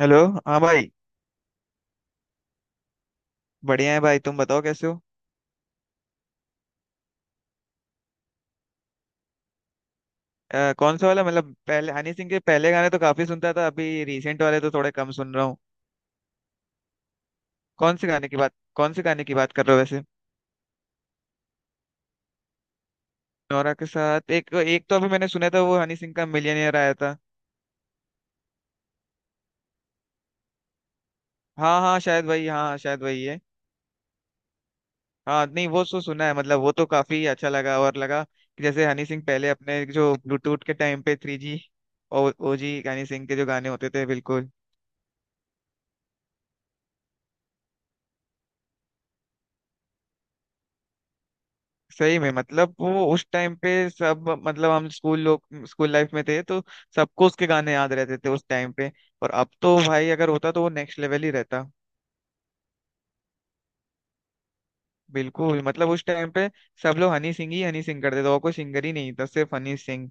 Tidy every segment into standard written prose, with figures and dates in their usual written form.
Hello. हाँ भाई। बढ़िया है भाई, तुम बताओ कैसे हो। कौन सा वाला? मतलब पहले हनी सिंह के पहले गाने तो काफी सुनता था, अभी रिसेंट वाले तो थोड़े कम सुन रहा हूँ। कौन से गाने की बात कर रहे हो वैसे? नोरा के साथ? एक एक तो अभी मैंने सुना था वो हनी सिंह का मिलियनेयर आया था। हाँ हाँ, शायद वही, हाँ हाँ, शायद वही है। हाँ नहीं, वो तो सुना है। मतलब वो तो काफी अच्छा लगा और लगा कि जैसे हनी सिंह पहले अपने जो ब्लूटूथ के टाइम पे 3G और OG हनी सिंह के जो गाने होते थे बिल्कुल। सही में मतलब वो उस टाइम पे सब, मतलब हम स्कूल लोग, स्कूल लाइफ में थे तो सबको उसके गाने याद रहते थे उस टाइम पे। और अब तो भाई अगर होता तो वो नेक्स्ट लेवल ही रहता। बिल्कुल मतलब उस टाइम पे सब लोग हनी सिंह ही हनी सिंह करते थे और कोई सिंगर ही नहीं था, सिर्फ हनी सिंह।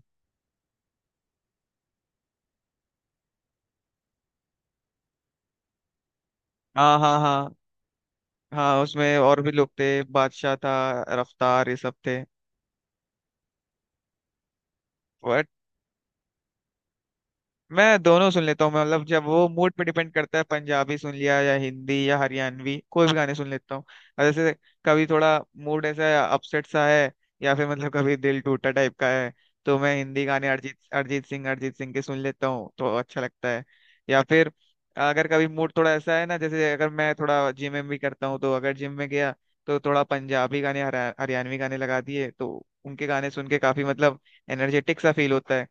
हाँ हाँ हाँ। हाँ उसमें और भी लोग थे, बादशाह था, रफ्तार, ये सब थे। मैं दोनों सुन लेता हूँ। मैं मतलब जब, वो मूड पे डिपेंड करता है, पंजाबी सुन लिया या हिंदी या हरियाणवी, कोई भी गाने सुन लेता हूँ। और जैसे कभी थोड़ा मूड ऐसा अपसेट सा है या फिर मतलब कभी दिल टूटा टाइप का है तो मैं हिंदी गाने अरिजीत अरिजीत सिंह के सुन लेता हूँ तो अच्छा लगता है। या फिर अगर कभी मूड थोड़ा ऐसा है ना, जैसे अगर मैं थोड़ा जिम में भी करता हूँ तो, अगर जिम में गया तो थोड़ा पंजाबी गाने, हरियाणवी गाने लगा दिए तो उनके गाने सुन के काफी मतलब एनर्जेटिक सा फील होता है।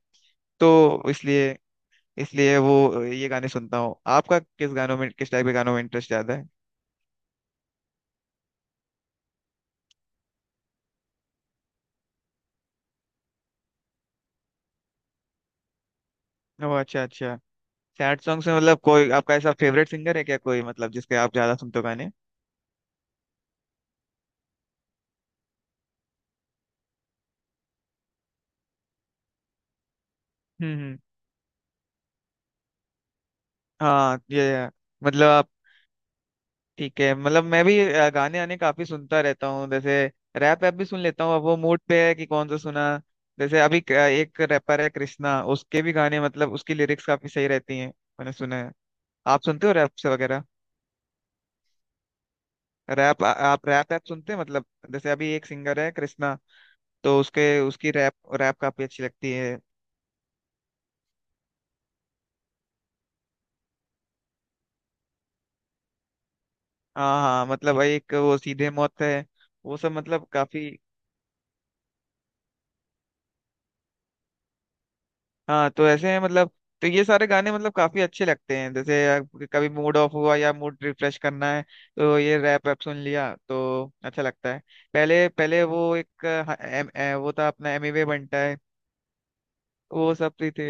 तो इसलिए, वो ये गाने सुनता हूँ। आपका किस गानों में, किस टाइप के गानों में इंटरेस्ट ज्यादा है? ओ अच्छा अच्छा। सैड सॉन्ग्स में मतलब कोई आपका ऐसा फेवरेट सिंगर है क्या कोई, मतलब जिसके आप ज्यादा सुनते हो गाने? हम्म। हाँ ये, मतलब आप, ठीक है। मतलब मैं भी गाने आने काफी सुनता रहता हूँ, जैसे रैप ऐप भी सुन लेता हूँ, अब वो मूड पे है कि कौन सा सुना। जैसे अभी एक रैपर है कृष्णा, उसके भी गाने, मतलब उसकी लिरिक्स काफी सही रहती हैं। मैंने सुना है, आप सुनते हो रैप से वगैरह? आप रैप ऐप सुनते हैं मतलब? जैसे अभी एक सिंगर है कृष्णा, तो उसके, उसकी रैप, रैप काफी अच्छी लगती है। हाँ हाँ, मतलब भाई एक वो सीधे मौत है, वो सब मतलब काफी। हाँ तो ऐसे हैं मतलब, तो ये सारे गाने मतलब काफी अच्छे लगते हैं। जैसे कभी मूड ऑफ हुआ या मूड रिफ्रेश करना है तो ये रैप वैप सुन लिया तो अच्छा लगता है। पहले पहले वो एक वो था अपना एमिवे बनता है। वो सब भी थे।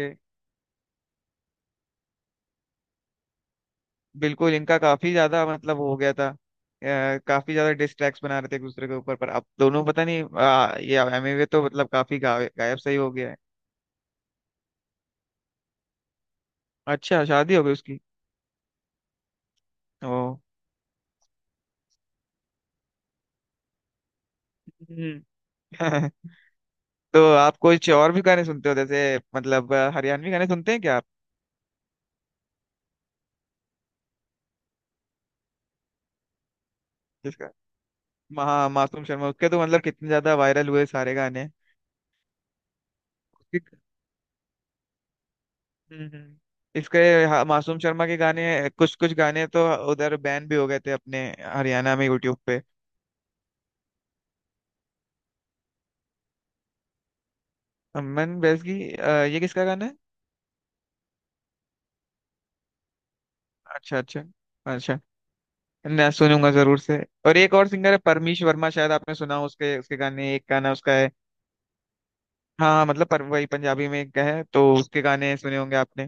बिल्कुल इनका काफी ज्यादा मतलब हो गया था, काफी ज्यादा डिस्ट्रैक्ट बना रहे थे एक दूसरे के ऊपर, पर अब दोनों पता नहीं, ये एमवे तो मतलब काफी गायब गायब सही हो गया है। अच्छा शादी हो गई उसकी? ओ। हम्म। तो आप कुछ और भी गाने सुनते हो, जैसे मतलब हरियाणवी गाने सुनते हैं क्या आप? जिसका? महा मासूम शर्मा, उसके तो मतलब कितने ज्यादा वायरल हुए सारे गाने। उसके। हम्म हम्म। इसके, हाँ, मासूम शर्मा के गाने, कुछ कुछ गाने तो उधर बैन भी हो गए थे अपने हरियाणा में यूट्यूब पे। अमन बैस की, ये किसका गाना है? अच्छा अच्छा। अच्छा, मैं सुनूंगा जरूर से। और एक और सिंगर है परमीश वर्मा, शायद आपने सुना हो उसके, उसके गाने, एक गाना उसका है। हाँ हाँ, मतलब पर वही, पंजाबी में एक है तो उसके गाने सुने होंगे आपने।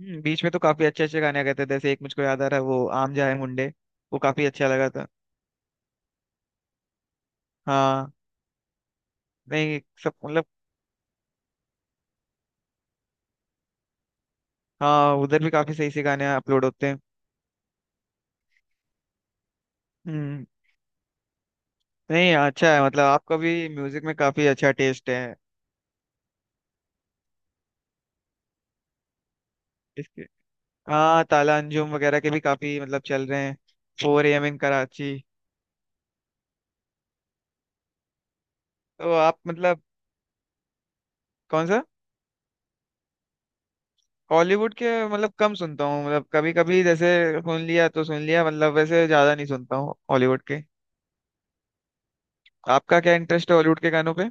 बीच में तो काफी अच्छे अच्छे गाने आ गए थे, जैसे एक मुझको याद आ रहा है वो आम जाए मुंडे, वो काफी अच्छा लगा था। हाँ। नहीं सब मतलब। हाँ उधर भी काफी सही से गाने अपलोड होते हैं। हम्म। नहीं अच्छा है, मतलब आपका भी म्यूजिक में काफी अच्छा टेस्ट है। हाँ, ताला अंजुम वगैरह के भी काफी मतलब चल रहे हैं। 4 AM in Karachi। तो आप मतलब, कौन सा? हॉलीवुड के मतलब कम सुनता हूँ, मतलब कभी कभी जैसे सुन लिया तो सुन लिया, मतलब वैसे ज्यादा नहीं सुनता हूँ हॉलीवुड के। आपका क्या इंटरेस्ट है हॉलीवुड के गानों पे?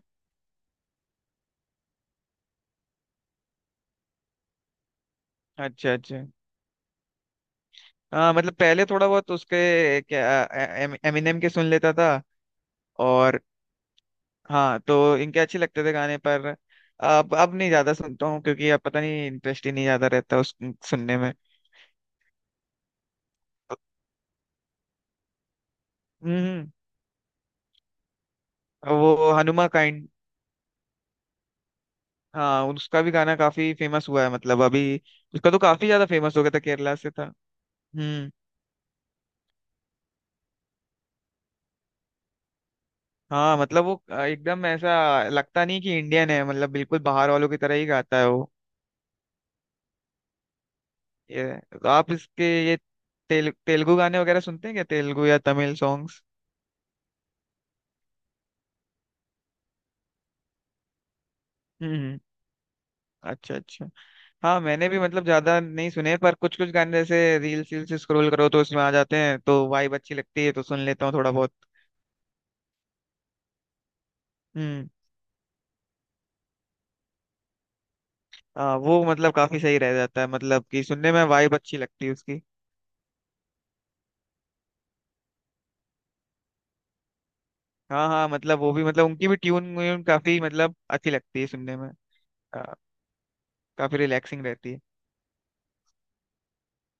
अच्छा अच्छा। हाँ मतलब पहले थोड़ा बहुत उसके क्या, एमिनेम के सुन लेता था। और हाँ तो इनके अच्छे लगते थे गाने, पर अब नहीं ज्यादा सुनता हूँ, क्योंकि अब पता नहीं इंटरेस्ट ही नहीं ज्यादा रहता उस सुनने में। हम्म। वो हनुमा काइंड। हाँ उसका भी गाना काफी फेमस हुआ है मतलब अभी। उसका तो काफी ज्यादा फेमस हो गया था, केरला से था। हम्म। हाँ मतलब वो एकदम ऐसा लगता नहीं कि इंडियन है, मतलब बिल्कुल बाहर वालों की तरह ही गाता है वो। ये तो आप इसके ये तेलुगु गाने वगैरह सुनते हैं क्या, तेलुगु या तमिल सॉन्ग्स? हम्म। अच्छा अच्छा। हाँ मैंने भी मतलब ज्यादा नहीं सुने, पर कुछ कुछ गाने जैसे रील्स रील्स स्क्रॉल करो तो उसमें आ जाते हैं, तो वाइब अच्छी लगती है तो सुन लेता हूँ थोड़ा बहुत। हम्म। हाँ वो मतलब काफी सही रह जाता है, मतलब कि सुनने में वाइब अच्छी लगती है उसकी। हाँ हाँ मतलब वो भी, मतलब उनकी भी ट्यून व्यून काफी मतलब अच्छी लगती है सुनने में। हाँ, काफी रिलैक्सिंग रहती है।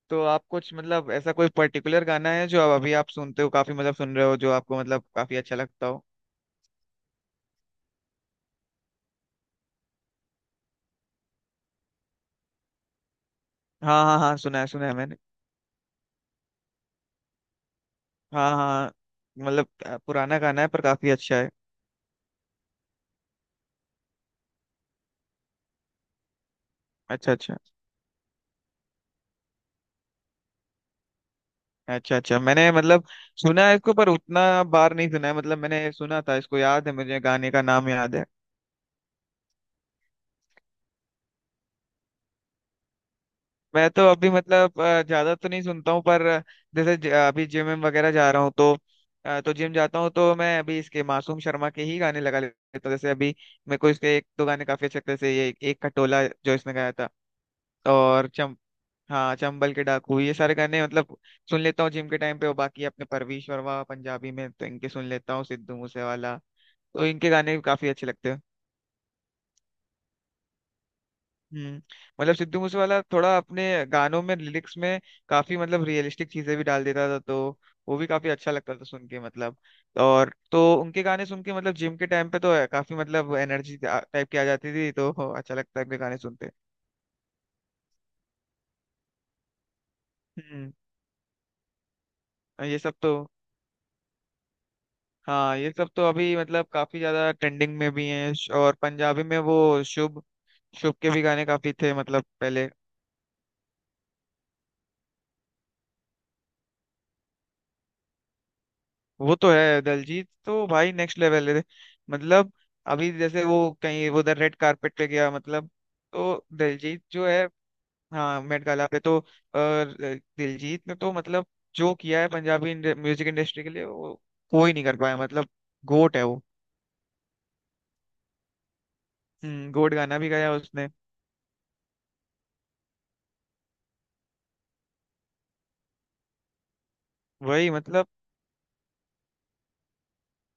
तो आप कुछ मतलब ऐसा कोई पर्टिकुलर गाना है जो आप अभी आप सुनते हो काफी, मतलब सुन रहे हो, जो आपको मतलब काफी अच्छा लगता हो? हाँ हाँ हाँ, सुना है, सुना है मैंने। हाँ हाँ, मतलब पुराना गाना है पर काफी अच्छा है। अच्छा अच्छा। अच्छा अच्छा, मैंने मतलब सुना है इसको पर उतना बार नहीं सुना है, मतलब मैंने सुना था इसको, याद है मुझे, गाने का नाम याद है। मैं तो अभी मतलब ज्यादा तो नहीं सुनता हूँ पर जैसे अभी जिम विम वगैरह जा रहा हूँ तो, तो जिम जाता हूँ तो मैं अभी इसके मासूम शर्मा के ही गाने लगा लेता हूँ, जैसे अभी मेरे को इसके एक दो गाने काफी अच्छे लगते हैं, जैसे ये एक खटोला जो इसने गाया था और चम, हाँ चंबल के डाकू, ये सारे गाने मतलब सुन लेता हूँ जिम के टाइम पे। और बाकी अपने परवीश वर्मा, पंजाबी में तो इनके सुन लेता हूँ, सिद्धू मूसेवाला, तो इनके गाने भी काफी अच्छे लगते हैं। हम्म। मतलब सिद्धू मूसेवाला थोड़ा अपने गानों में, लिरिक्स में काफी मतलब रियलिस्टिक चीजें भी डाल देता था, तो वो भी काफी अच्छा लगता था सुन के, मतलब। और तो उनके गाने सुन के मतलब जिम के टाइम पे तो है, काफी मतलब एनर्जी टाइप की आ जाती थी, तो अच्छा लगता है उनके गाने सुनते। हम्म। ये सब तो, हाँ ये सब तो अभी मतलब काफी ज्यादा ट्रेंडिंग में भी हैं। और पंजाबी में वो शुभ, शुभ के भी गाने काफी थे मतलब पहले। वो तो है, दलजीत तो भाई नेक्स्ट लेवल है मतलब, अभी जैसे वो कहीं वो उधर रेड कारपेट पे गया मतलब, तो दलजीत जो है। हाँ, मेट गाला पे, तो दिलजीत ने तो मतलब जो किया है पंजाबी म्यूजिक इंडस्ट्री के लिए वो कोई नहीं कर पाया मतलब, गोट है वो। हम्म, गोट गाना भी गाया उसने। वही मतलब,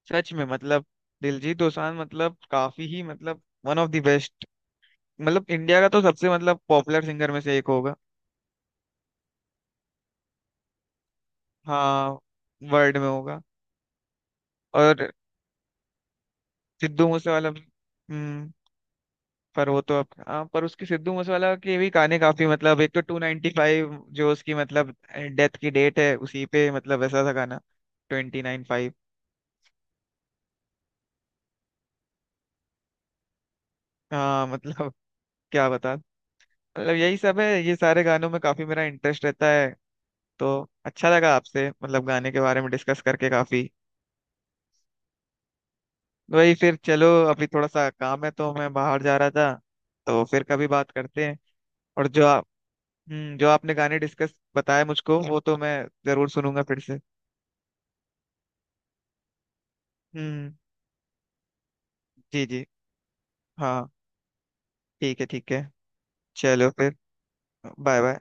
सच में मतलब दिलजीत दोसांझ मतलब काफी ही मतलब वन ऑफ द बेस्ट, मतलब इंडिया का तो सबसे मतलब पॉपुलर सिंगर में से एक होगा। हाँ, वर्ल्ड में होगा। और सिद्धू मूसेवाला भी। हम्म, पर वो तो अब, हाँ पर उसकी, सिद्धू मूसेवाला के भी गाने काफी, मतलब एक तो 295, जो उसकी मतलब डेथ की डेट है उसी पे, मतलब ऐसा था गाना, 29/5। हाँ मतलब क्या बता, मतलब यही सब है ये सारे गानों में काफी मेरा इंटरेस्ट रहता है। तो अच्छा लगा आपसे मतलब गाने के बारे में डिस्कस करके काफी। वही फिर चलो, अभी थोड़ा सा काम है तो मैं बाहर जा रहा था, तो फिर कभी बात करते हैं। और जो, हम्म, जो आपने गाने डिस्कस बताया मुझको, वो तो मैं जरूर सुनूंगा फिर से। हम्म। जी जी। हाँ ठीक है, ठीक है। चलो फिर, बाय बाय।